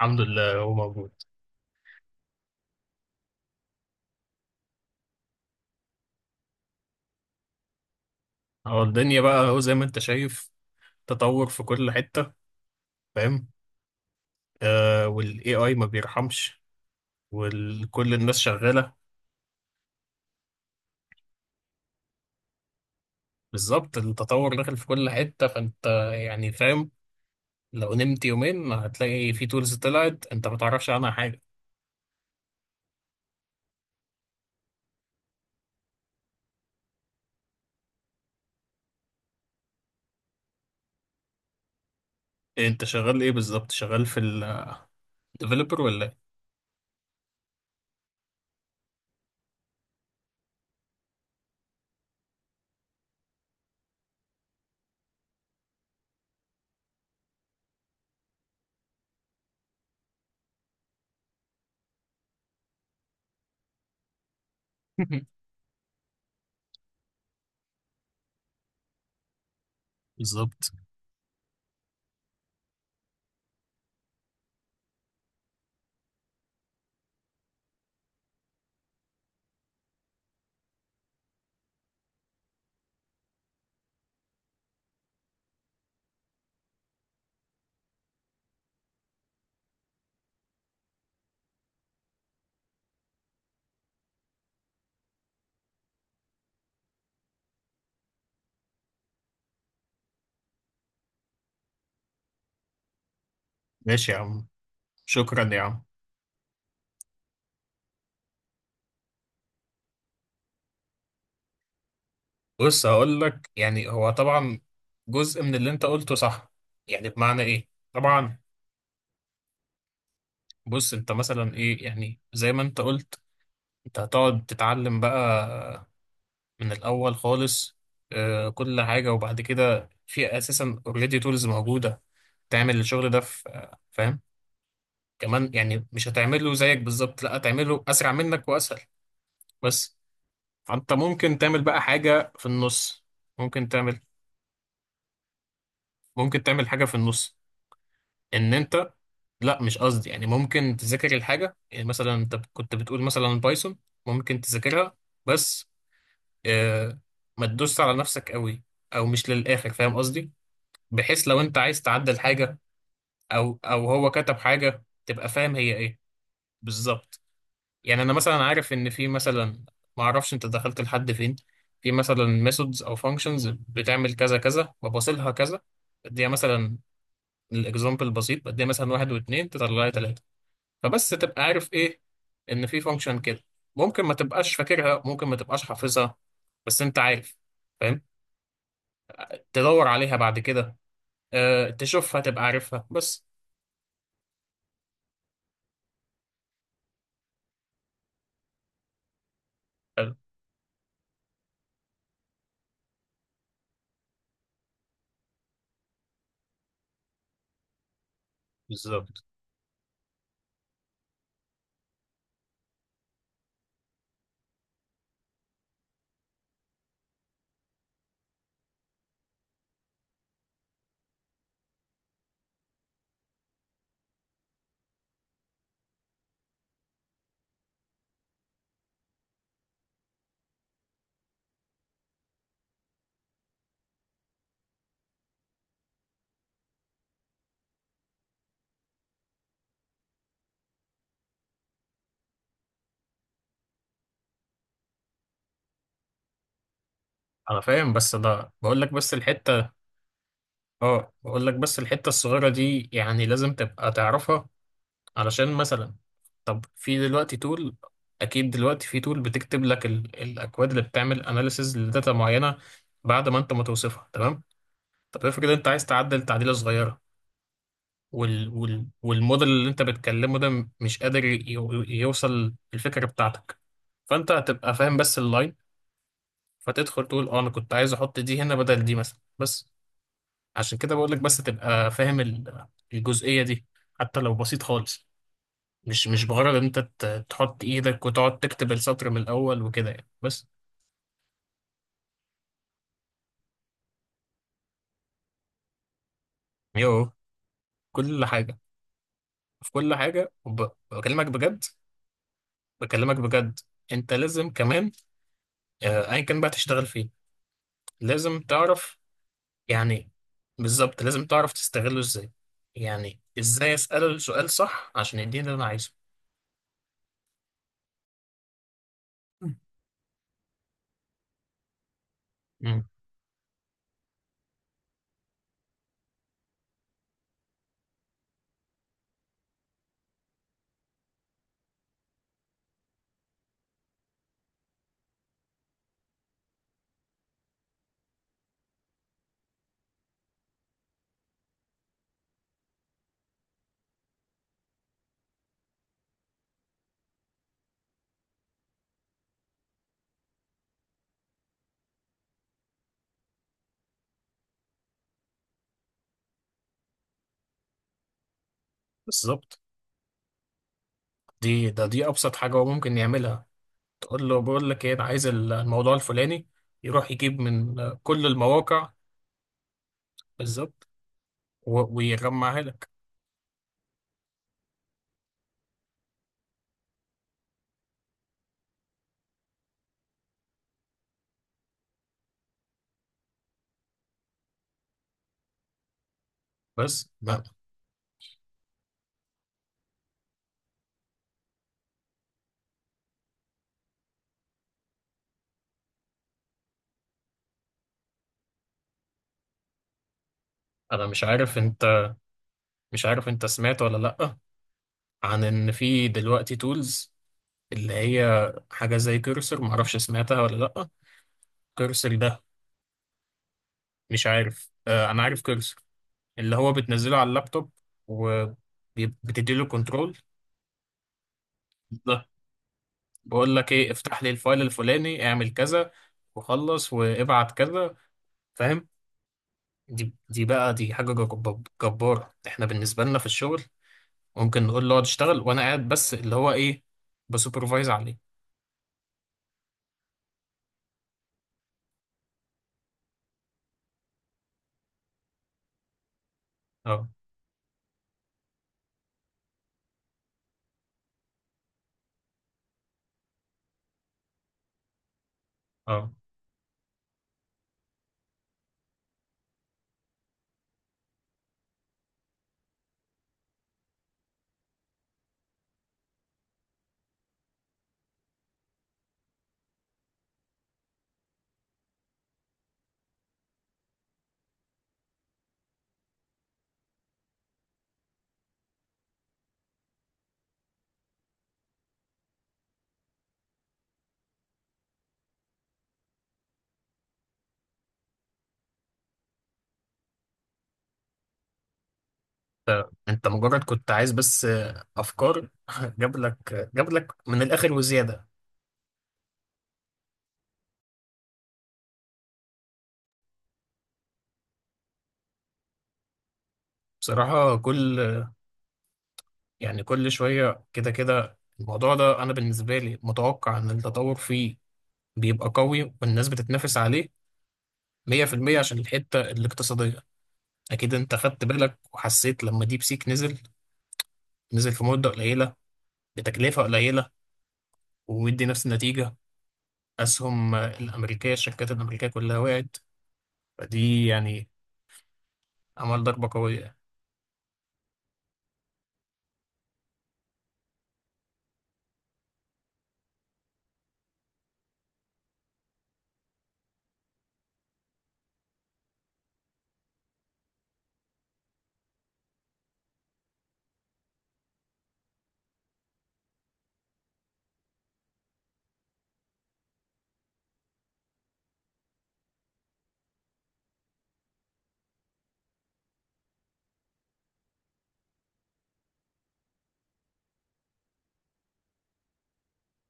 الحمد لله هو موجود. الدنيا بقى هو زي ما انت شايف، تطور في كل حتة. فاهم؟ آه، والاي اي ما بيرحمش وكل الناس شغالة. بالظبط، التطور داخل في كل حتة، فانت يعني فاهم. لو نمت يومين هتلاقي في تولز طلعت انت ما تعرفش عنها حاجة. انت شغال ايه بالظبط؟ شغال في الديفلوبر ولا ايه؟ بالظبط. ماشي يا عم. شكرا يا عم. بص هقول لك، يعني هو طبعا جزء من اللي انت قلته صح، يعني بمعنى ايه طبعا. بص انت مثلا ايه، يعني زي ما انت قلت، انت هتقعد تتعلم بقى من الاول خالص، آه، كل حاجه. وبعد كده في اساسا اوريدي تولز موجوده تعمل الشغل ده، في فاهم، كمان، يعني مش هتعمله زيك بالظبط، لا هتعمله اسرع منك واسهل. بس فانت ممكن تعمل بقى حاجه في النص. ممكن تعمل، ممكن تعمل حاجه في النص. ان انت لا مش قصدي، يعني ممكن تذاكر الحاجه، يعني مثلا انت كنت بتقول مثلا بايثون، ممكن تذاكرها، بس آه، ما تدوس على نفسك قوي او مش للاخر، فاهم قصدي؟ بحيث لو انت عايز تعدل حاجه او هو كتب حاجه تبقى فاهم هي ايه. بالظبط. يعني انا مثلا عارف ان في مثلا، ما اعرفش انت دخلت لحد فين، في مثلا ميثودز او فانكشنز بتعمل كذا كذا وبوصلها كذا، بديها مثلا، الاكزامبل بسيط، بديها مثلا واحد واتنين تطلع لي تلاته. فبس تبقى عارف ايه، ان في فانكشن كده، ممكن ما تبقاش فاكرها، ممكن ما تبقاش حافظها، بس انت عارف، فاهم؟ تدور عليها بعد كده، أه تشوفها تبقى عارفها بس. حلو. بالظبط. انا فاهم، بس ده بقول لك بس الحته، اه بقول لك بس الحته الصغيره دي يعني لازم تبقى تعرفها، علشان مثلا، طب في دلوقتي تول، اكيد دلوقتي في تول بتكتب لك ال... الاكواد اللي بتعمل اناليسز لداتا معينه بعد ما انت ما توصفها تمام. طب افرض انت عايز تعدل تعديله صغيره، وال والموديل اللي انت بتكلمه ده مش قادر يوصل الفكرة بتاعتك، فانت هتبقى فاهم بس اللاين، فتدخل تقول اه انا كنت عايز احط دي هنا بدل دي مثلا. بس عشان كده بقول لك بس تبقى فاهم الجزئية دي، حتى لو بسيط خالص. مش بغرض ان انت تحط ايدك وتقعد تكتب السطر من الاول وكده، يعني بس. يو، كل حاجة، في كل حاجة، بكلمك بجد. بكلمك بجد، انت لازم كمان، ايا كان بقى تشتغل فيه، لازم تعرف، يعني بالظبط لازم تعرف تستغله ازاي، يعني ازاي اساله السؤال صح عشان يديني اللي انا عايزه. مم. بالظبط، دي ابسط حاجه هو ممكن يعملها، تقول له بقول لك ايه انا عايز الموضوع الفلاني، يروح يجيب من كل المواقع. بالظبط، ويجمعها لك. بس ما انا مش عارف انت، مش عارف انت سمعت ولا لا، عن ان في دلوقتي تولز اللي هي حاجه زي كيرسر، معرفش سمعتها ولا لا. كيرسر ده، مش عارف، آه انا عارف كيرسر، اللي هو بتنزله على اللابتوب وبتديله كنترول. ده بقول لك ايه افتح لي الفايل الفلاني، اعمل كذا وخلص وابعت كذا، فاهم؟ دي حاجة جبارة. احنا بالنسبة لنا في الشغل ممكن نقول له اقعد اشتغل وانا قاعد بس اللي هو ايه، بسوبرفايز عليه. اه اه ف- انت مجرد كنت عايز بس افكار جاب لك، جاب لك من الاخر وزيادة. بصراحة كل، يعني كل شوية كده كده الموضوع ده أنا بالنسبة لي متوقع إن التطور فيه بيبقى قوي والناس بتتنافس عليه 100% عشان الحتة الاقتصادية. أكيد أنت خدت بالك وحسيت لما ديب سيك نزل، نزل في مدة قليلة بتكلفة قليلة ومدي نفس النتيجة، أسهم الأمريكية، الشركات الأمريكية كلها وقعت. فدي يعني عمل ضربة قوية.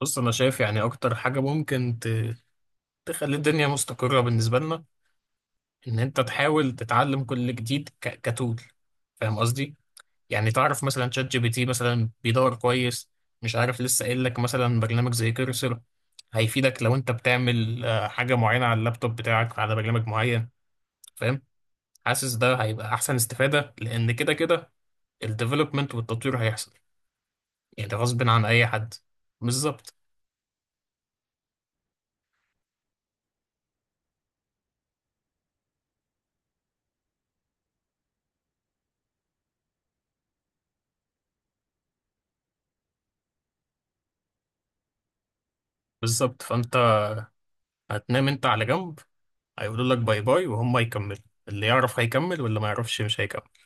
بص أنا شايف يعني أكتر حاجة ممكن تخلي الدنيا مستقرة بالنسبة لنا، إن أنت تحاول تتعلم كل جديد كتول، فاهم قصدي؟ يعني تعرف مثلا شات جي بي تي مثلا بيدور كويس، مش عارف لسه قايل لك، مثلا برنامج زي كيرسر هيفيدك لو انت بتعمل حاجة معينة على اللابتوب بتاعك على برنامج معين، فاهم؟ حاسس ده هيبقى احسن استفادة، لان كده كده الديفلوبمنت والتطوير هيحصل يعني غصب عن اي حد. بالظبط. بالظبط، فانت هتنام انت على جنب، هيقولوا لك باي باي وهم يكملوا، اللي يعرف هيكمل واللي ما يعرفش مش هيكمل.